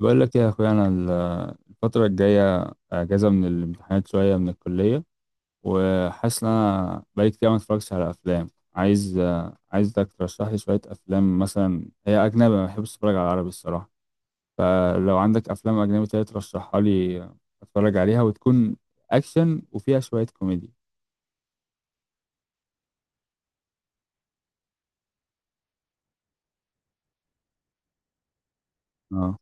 بقول لك إيه يا اخويا، الفتره الجايه اجازه من الامتحانات شويه من الكليه، وحاسس ان انا بقالي كتير ما اتفرجتش على افلام. عايز عايزك ترشح لي شويه افلام، مثلا هي اجنبي ما بحبش اتفرج على عربي الصراحه، فلو عندك افلام اجنبي تانية ترشحها لي اتفرج عليها، وتكون اكشن وفيها شويه كوميدي. اه،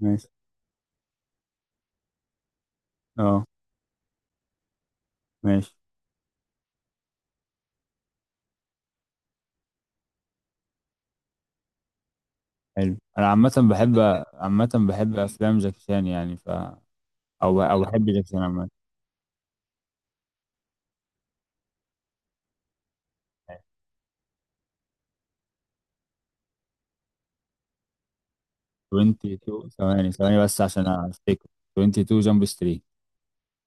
ماشي. اه، ماشي. حلو. انا عامه بحب عامه بحب افلام جاكي شان يعني ف، او بحب جاكي شان عامه. 22 ثواني، ثواني بس عشان افتكر. 22 جامب ستريت.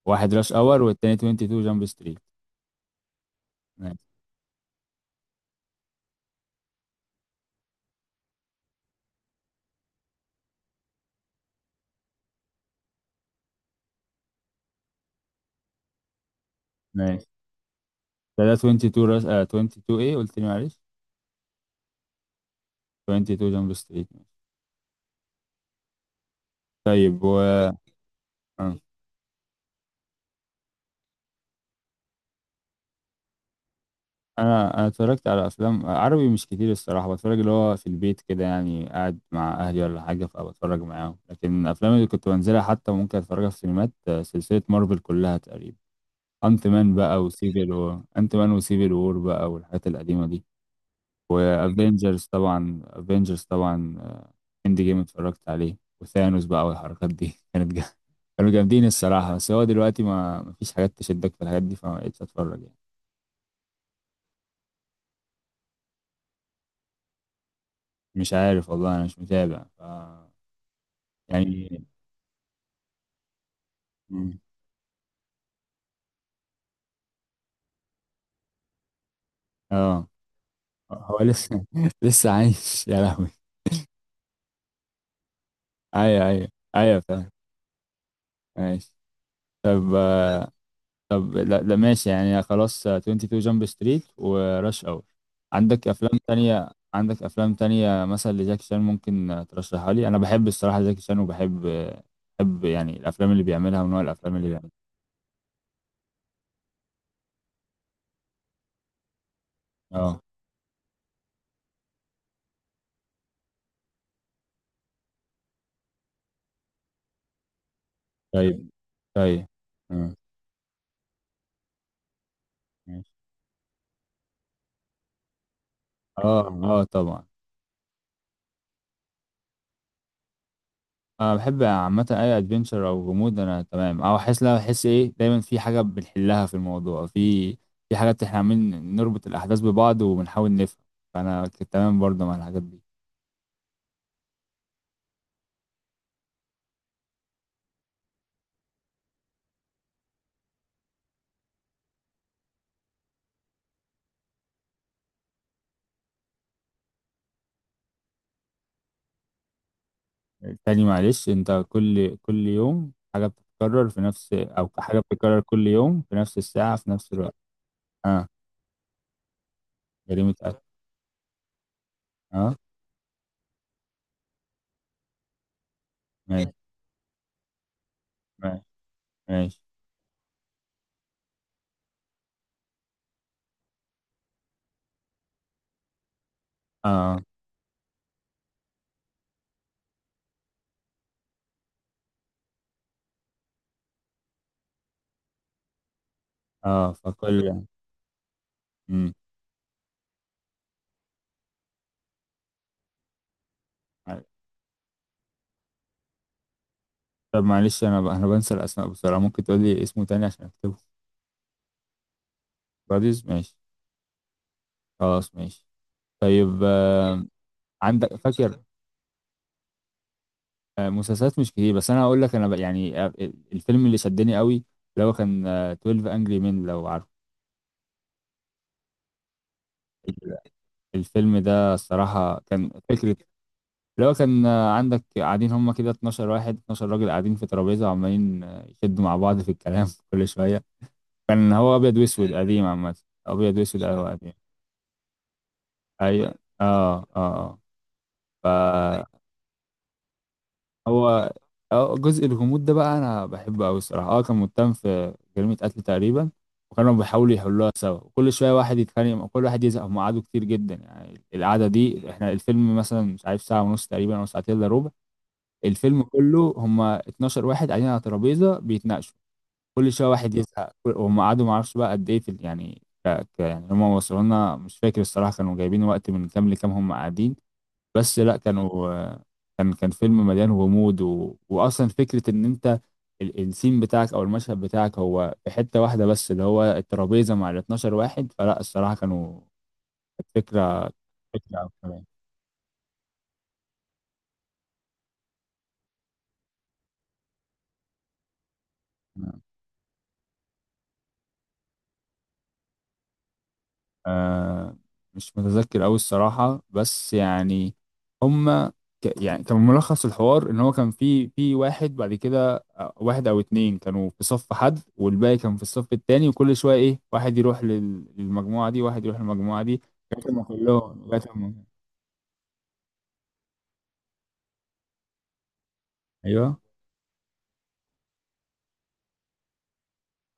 واحد راش اور والتاني 22 جامب ستريت. ماشي، ماشي. ده 22 راش، 22 ايه قلت لي؟ معلش. 22 جامب ستريت. طيب و آه. انا اتفرجت على افلام عربي مش كتير الصراحه، بتفرج اللي هو في البيت كده يعني، قاعد مع اهلي ولا حاجه فبتفرج معاهم، لكن الافلام اللي كنت بنزلها حتى ممكن اتفرجها في سينمات، سلسله مارفل كلها تقريبا. انت مان وسيفل وور بقى والحاجات القديمه دي. وافنجرز طبعا، افنجرز طبعا اند جيم اتفرجت عليه، وثانوس بقى والحركات دي كانوا جامدين الصراحة، بس هو دلوقتي ما مفيش حاجات تشدك في الحاجات دي فما بقتش اتفرج يعني. مش عارف والله انا مش متابع يعني. مم. اه. هو لسه لسه عايش يا لهوي؟ ايوه، ايوه. ايوه فاهم. ماشي. طب طب لا، لا ماشي يعني خلاص. 22 جامب ستريت وراش اور. عندك افلام تانية مثلا لجاكي شان، ممكن ترشحها لي. انا بحب الصراحة جاكي شان، وبحب آه، بحب يعني الافلام اللي بيعملها ونوع الافلام اللي بيعملها. اه، طيب. طيب اه. ماشي. اه، طبعا. انا بحب عامة اي ادفنتشر او غموض، انا تمام. او احس لا احس ايه، دايما في حاجة بنحلها في الموضوع، في حاجات احنا عاملين نربط الاحداث ببعض وبنحاول نفهم. فانا كنت تمام برضه مع الحاجات دي. تاني معلش انت، كل يوم حاجة بتتكرر في نفس، او حاجة بتتكرر كل يوم في نفس الساعة في نفس الوقت؟ اه. جريمة قتل. اه، ماشي. ماشي، ماشي. اه، اه، مم. طب معلش انا بنسى الاسماء بسرعة، ممكن تقول لي اسمه تاني عشان اكتبه؟ براديز ماشي. خلاص ماشي. طيب عندك فاكر. مسلسلات مش كتير، بس انا هقول لك، يعني الفيلم اللي شدني قوي اللي هو كان 12 انجري مين لو عارفه. الفيلم ده الصراحة كان فكرة. اللي هو كان عندك قاعدين هما كده 12 واحد، 12 راجل قاعدين في ترابيزة وعمالين يشدوا مع بعض في الكلام كل شوية. كان هو أبيض وأسود، ايوه قديم عامة. أبيض وأسود، صح أوي قديم. أيوة، ايوه. آه، آه. ايوه. فهو جزء الغموض ده بقى أنا بحبه أوي الصراحة. آه، كان متهم في جريمة قتل تقريبا، وكانوا بيحاولوا يحلوها سوا، وكل شوية واحد يتخانق كل واحد يزهق، هم قعدوا كتير جدا يعني. القعدة دي احنا الفيلم مثلا، مش عارف، ساعة ونص تقريبا أو ساعتين إلا ربع. الفيلم كله هم 12 واحد قاعدين على ترابيزه بيتناقشوا، كل شويه واحد يزهق وهم قعدوا. ما اعرفش بقى قد ايه يعني يعني هم وصلوا لنا، مش فاكر الصراحه كانوا جايبين وقت من كام لكام هم قاعدين. بس لا كانوا كان فيلم مليان غموض، واصلا فكره ان انت السين بتاعك او المشهد بتاعك هو في حته واحده بس، اللي هو الترابيزه مع ال 12 واحد. فلا الصراحه كانوا، كانت فكره أوي كمان. آه، مش متذكر أوي الصراحة، بس يعني هما يعني كان ملخص الحوار إن هو كان في واحد، بعد كده واحد أو اتنين كانوا في صف حد والباقي كان في الصف التاني، وكل شوية واحد يروح للمجموعة دي، واحد يروح للمجموعة دي، لغاية ما كلهم، لغاية ما. أيوه.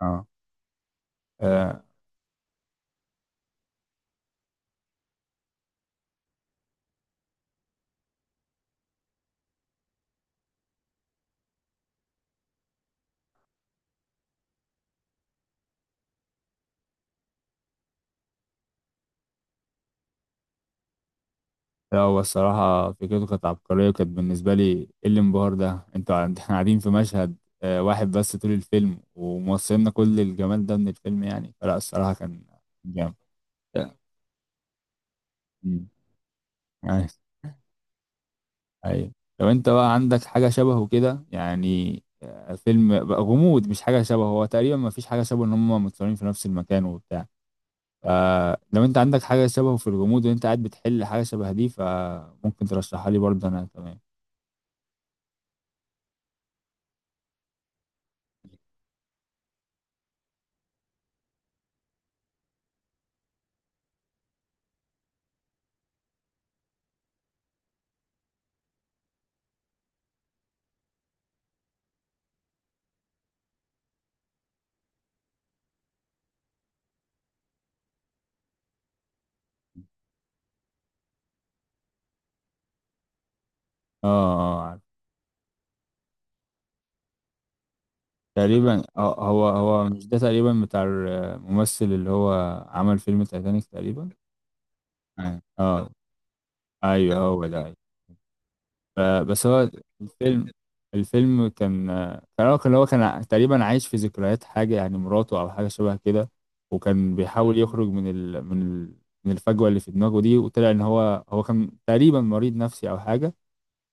آه. آه، لا هو الصراحة فكرته كانت عبقرية، وكانت بالنسبة لي ايه الانبهار ده. احنا قاعدين في مشهد واحد بس طول الفيلم، وموصلنا كل الجمال ده من الفيلم يعني. فلا الصراحة كان جامد. مم. عايز- أيوة. لو انت بقى عندك حاجة شبهه كده، يعني فيلم بقى غموض، مش حاجة شبهه هو، تقريبا ما فيش حاجة شبهه ان هم متصورين في نفس المكان وبتاع، فلو انت عندك حاجة شبهه في الغموض وانت قاعد بتحل حاجة شبه دي، فممكن ترشحها لي برضه، انا تمام. اه، اه. تقريبا هو مش ده تقريبا بتاع الممثل اللي هو عمل فيلم تايتانيك تقريبا. اه، ايوه هو ده، أيوة. بس هو الفيلم الفيلم كان هو كان تقريبا عايش في ذكريات حاجة يعني مراته أو حاجة شبه كده. وكان بيحاول يخرج من الفجوة اللي في دماغه دي، وطلع إن هو كان تقريبا مريض نفسي أو حاجة.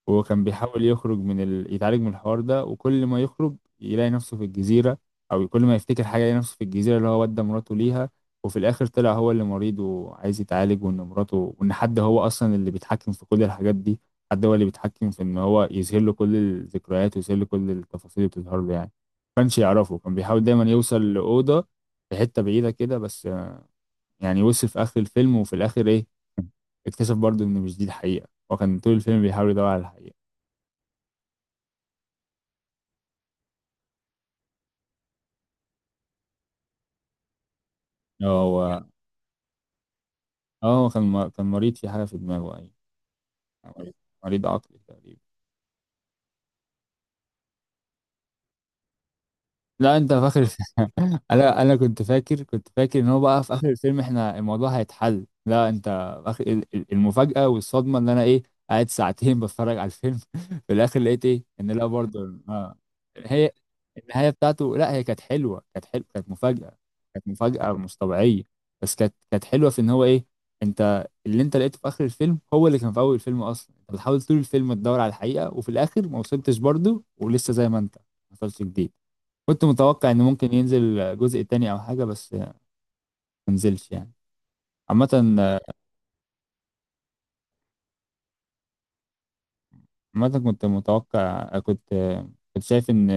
وهو كان بيحاول يخرج يتعالج من الحوار ده، وكل ما يخرج يلاقي نفسه في الجزيرة، أو كل ما يفتكر حاجة يلاقي نفسه في الجزيرة اللي هو ودى مراته ليها. وفي الآخر طلع هو اللي مريض وعايز يتعالج، وإن مراته وإن حد هو أصلا اللي بيتحكم في كل الحاجات دي، حد هو اللي بيتحكم في إن هو يظهر له كل الذكريات ويظهر له كل التفاصيل اللي بتظهر له، يعني ما كانش يعرفه، كان بيحاول دايما يوصل لأوضة في حتة بعيدة كده بس، يعني وصل في آخر الفيلم. وفي الآخر إيه، اكتشف برضه إن مش دي الحقيقة. هو كان طول الفيلم بيحاول يدور على الحقيقة. هو اه، كان كان مريض في حاجة في دماغه، أيوة. مريض مريض عقلي تقريبا. لا انت فاكر. انا كنت فاكر، ان هو بقى في اخر الفيلم احنا الموضوع هيتحل. لا انت، اخر المفاجأة والصدمة، ان انا ايه، قاعد ساعتين بتفرج على الفيلم. في الاخر لقيت ايه ان لا برضه. هي النهاية بتاعته، لا هي كانت حلوة، كانت مفاجأة. كانت مفاجأة مش طبيعية. بس كانت حلوة في ان هو ايه، انت اللي انت لقيته في اخر الفيلم هو اللي كان في اول الفيلم اصلا. انت بتحاول طول الفيلم تدور على الحقيقة وفي الاخر ما وصلتش برضه، ولسه زي ما انت، ما حصلش جديد. كنت متوقع ان ممكن ينزل جزء تاني او حاجه، بس ما نزلش يعني. عامه. عامه كنت متوقع، كنت شايف ان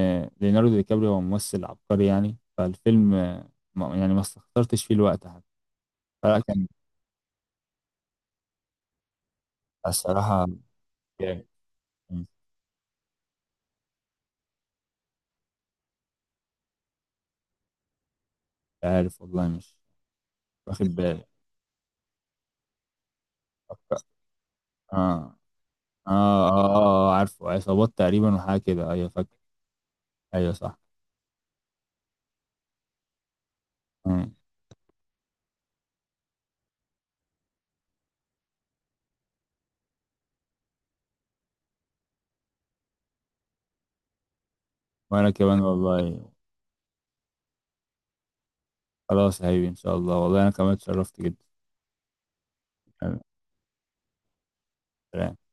ليوناردو دي كابريو هو ممثل عبقري يعني، فالفيلم يعني ما استخسرتش فيه الوقت حتى. فلا كان الصراحه جامد. مش عارف والله، مش واخد بالي. أفكر- اه. اه، اه، آه عارفه، عصابات تقريبا وحاجه كده، ايوه فاكر. ايوه صح. مم. وانا كمان والله. خلاص يا حبيبي ان شاء الله، والله انا كمان اتشرفت جدا. سلام.